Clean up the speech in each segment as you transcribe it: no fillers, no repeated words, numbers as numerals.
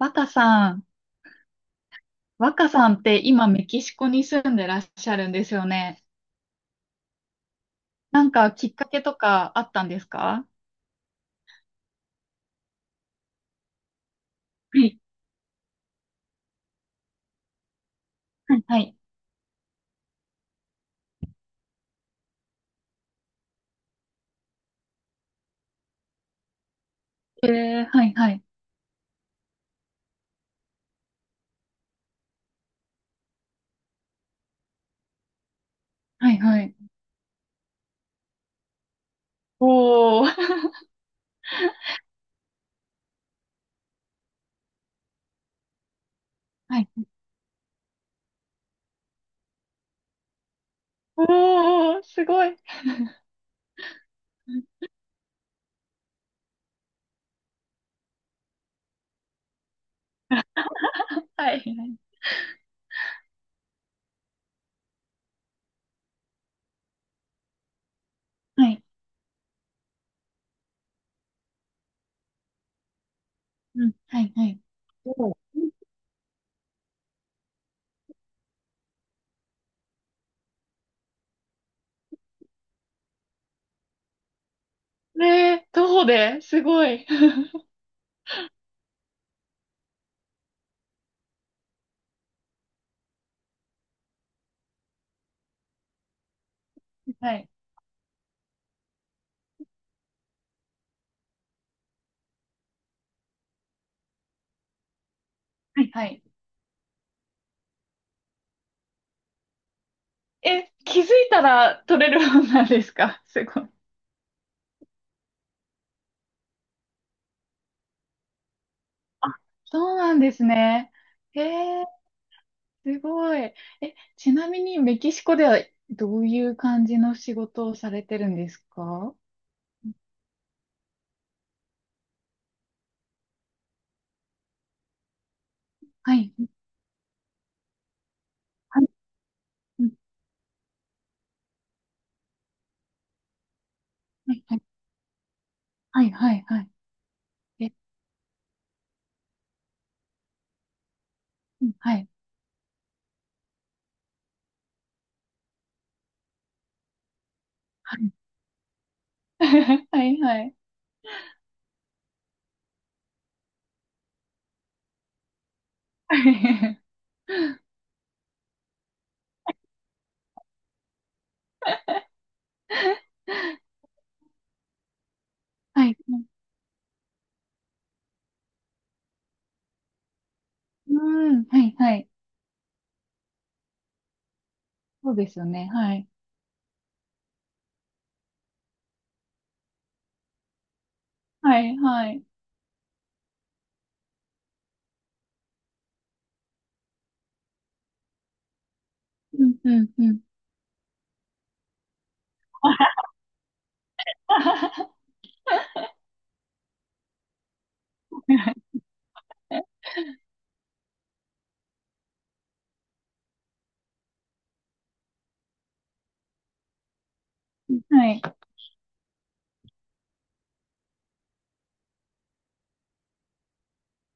若さん、若さんって今メキシコに住んでらっしゃるんですよね。なんかきっかけとかあったんですか？はい、はいはい。えー、はいはい。はいはい。おー。はい。おー、すごい。はい。はい。うん。はいはい。おー。ねえ、徒歩ですごい。はい。はいはい。え、気づいたら取れるもんなんですか？すごい。あ、そうなんですね。へえ。すごい。え、ちなみにメキシコではどういう感じの仕事をされてるんですか？はい。はい。うん、はいはい。はい。はい。はい。え、うん、はい。はい。はい。はい。はいはい。うん。うん、はい。はい。そうですよね。はい。はい。はい。うん。うん。うん。はい。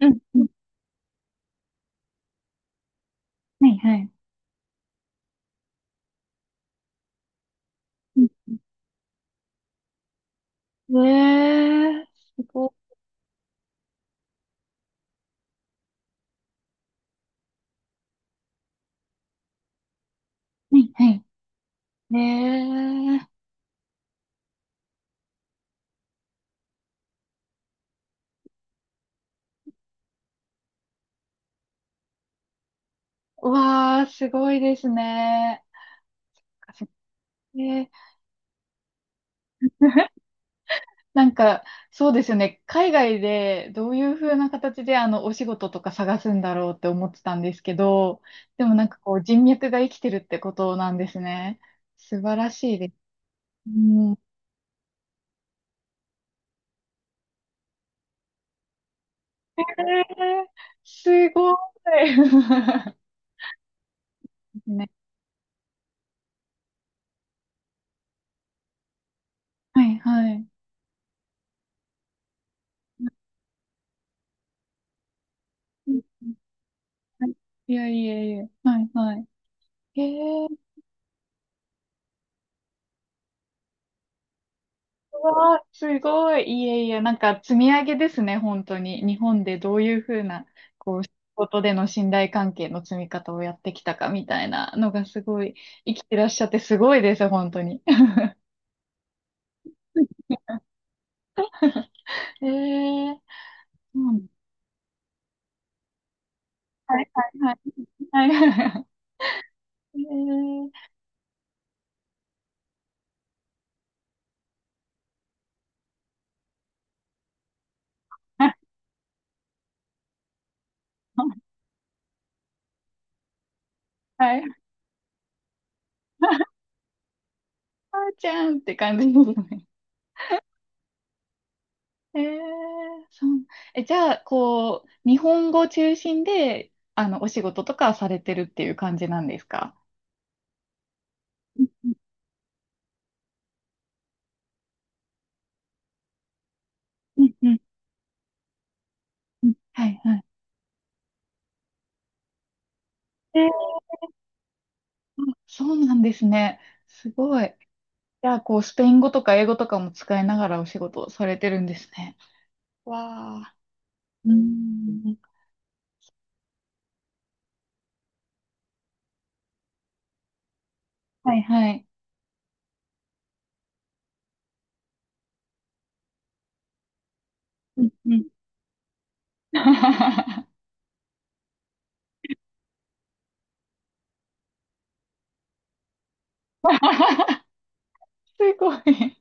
うん。うん、はい。はい。うん、えー、すごい。はい。はい。えー。うわー、すごいですね。え、 なんか、そうですよね。海外でどういう風な形でお仕事とか探すんだろうって思ってたんですけど、でもなんかこう、人脈が生きてるってことなんですね。素晴らしいです。うん。えー、すごい。ね。はいはい。うんうん、はい、いやいやいや。はいはい。えー、うわあ、すごい。いえいえ、なんか積み上げですね、本当に。日本でどういうふうな、こう、仕事での信頼関係の積み方をやってきたかみたいなのがすごい、生きてらっしゃってすごいです、本当に。ええー、うん、はいはい、はい、はい。えー、はい。あーちゃんって感じですね。えー、そう。え、じゃあ、こう、日本語中心で、お仕事とかされてるっていう感じなんですか？うんうん、うんうん、はいはい。えー、あ、そうなんですね。すごい。じゃあ、こう、スペイン語とか英語とかも使いながらお仕事をされてるんですね。わあ。うーん。はいはい。うんうん。すごい。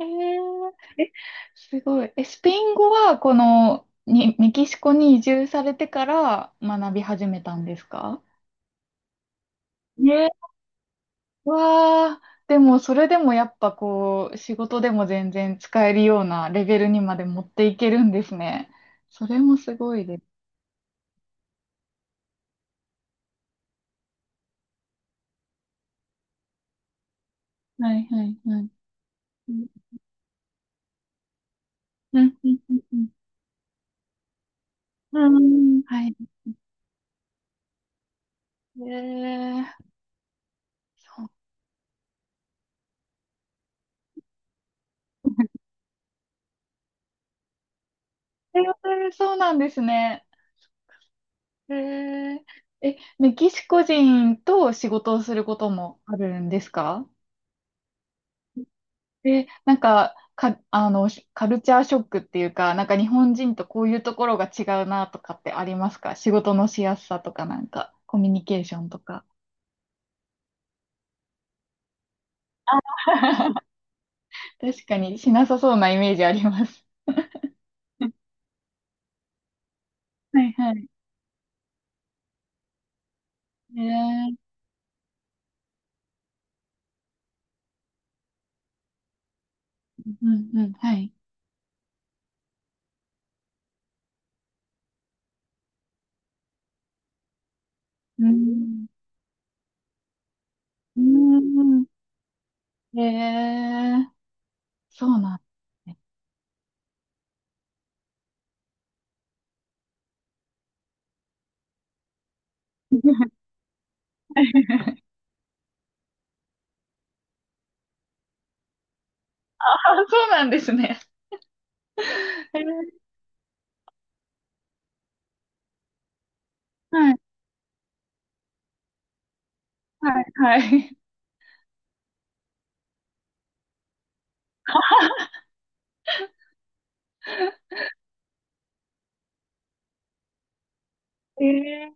えー、え、すごい。え、スペイン語は、この、に、メキシコに移住されてから学び始めたんですか？ね、わあ、でもそれでもやっぱこう、仕事でも全然使えるようなレベルにまで持っていけるんですね。それもすごいです。はいはいはい。うん、うん、うん、うん。うん、はい。ええ、そう。えー、そうなんですね。えええ、メキシコ人と仕事をすることもあるんですか？で、なんか、か、あの、しカルチャーショックっていうか、なんか日本人とこういうところが違うなとかってありますか？仕事のしやすさとかなんか、コミュニケーションとか。確かにしなさそうなイメージあります。はいはい。えー、うんうん、はい。うーん、うーん、えー、そうなんですね。あ、そうなんですね。えー、はい、はい、はい。えー、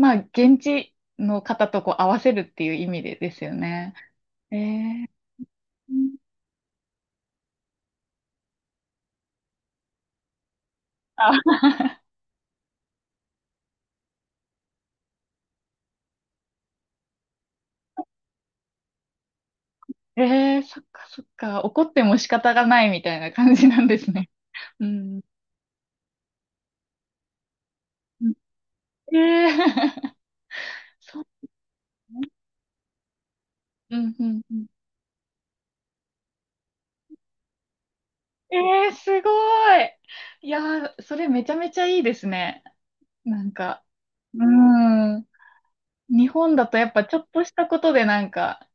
まあ、現地の方とこう合わせるっていう意味でですよね。えー、あ、えー、そっかそっか、怒っても仕方がないみたいな感じなんですね。うん。うん、えー、そうね、うんうんうん。えー、すごい。いやー、それめちゃめちゃいいですね。なんか、うん。日本だとやっぱちょっとしたことでなんか、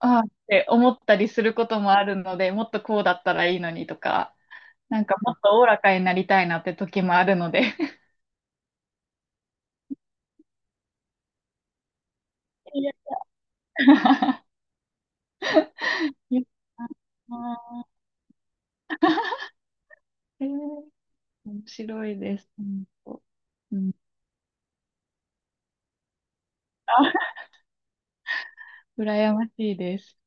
ああって思ったりすることもあるので、もっとこうだったらいいのにとか、なんかもっとおおらかになりたいなって時もあるので。いや、 いや、あー、えー、面白いです。本当、うん、あ、 羨ましいです。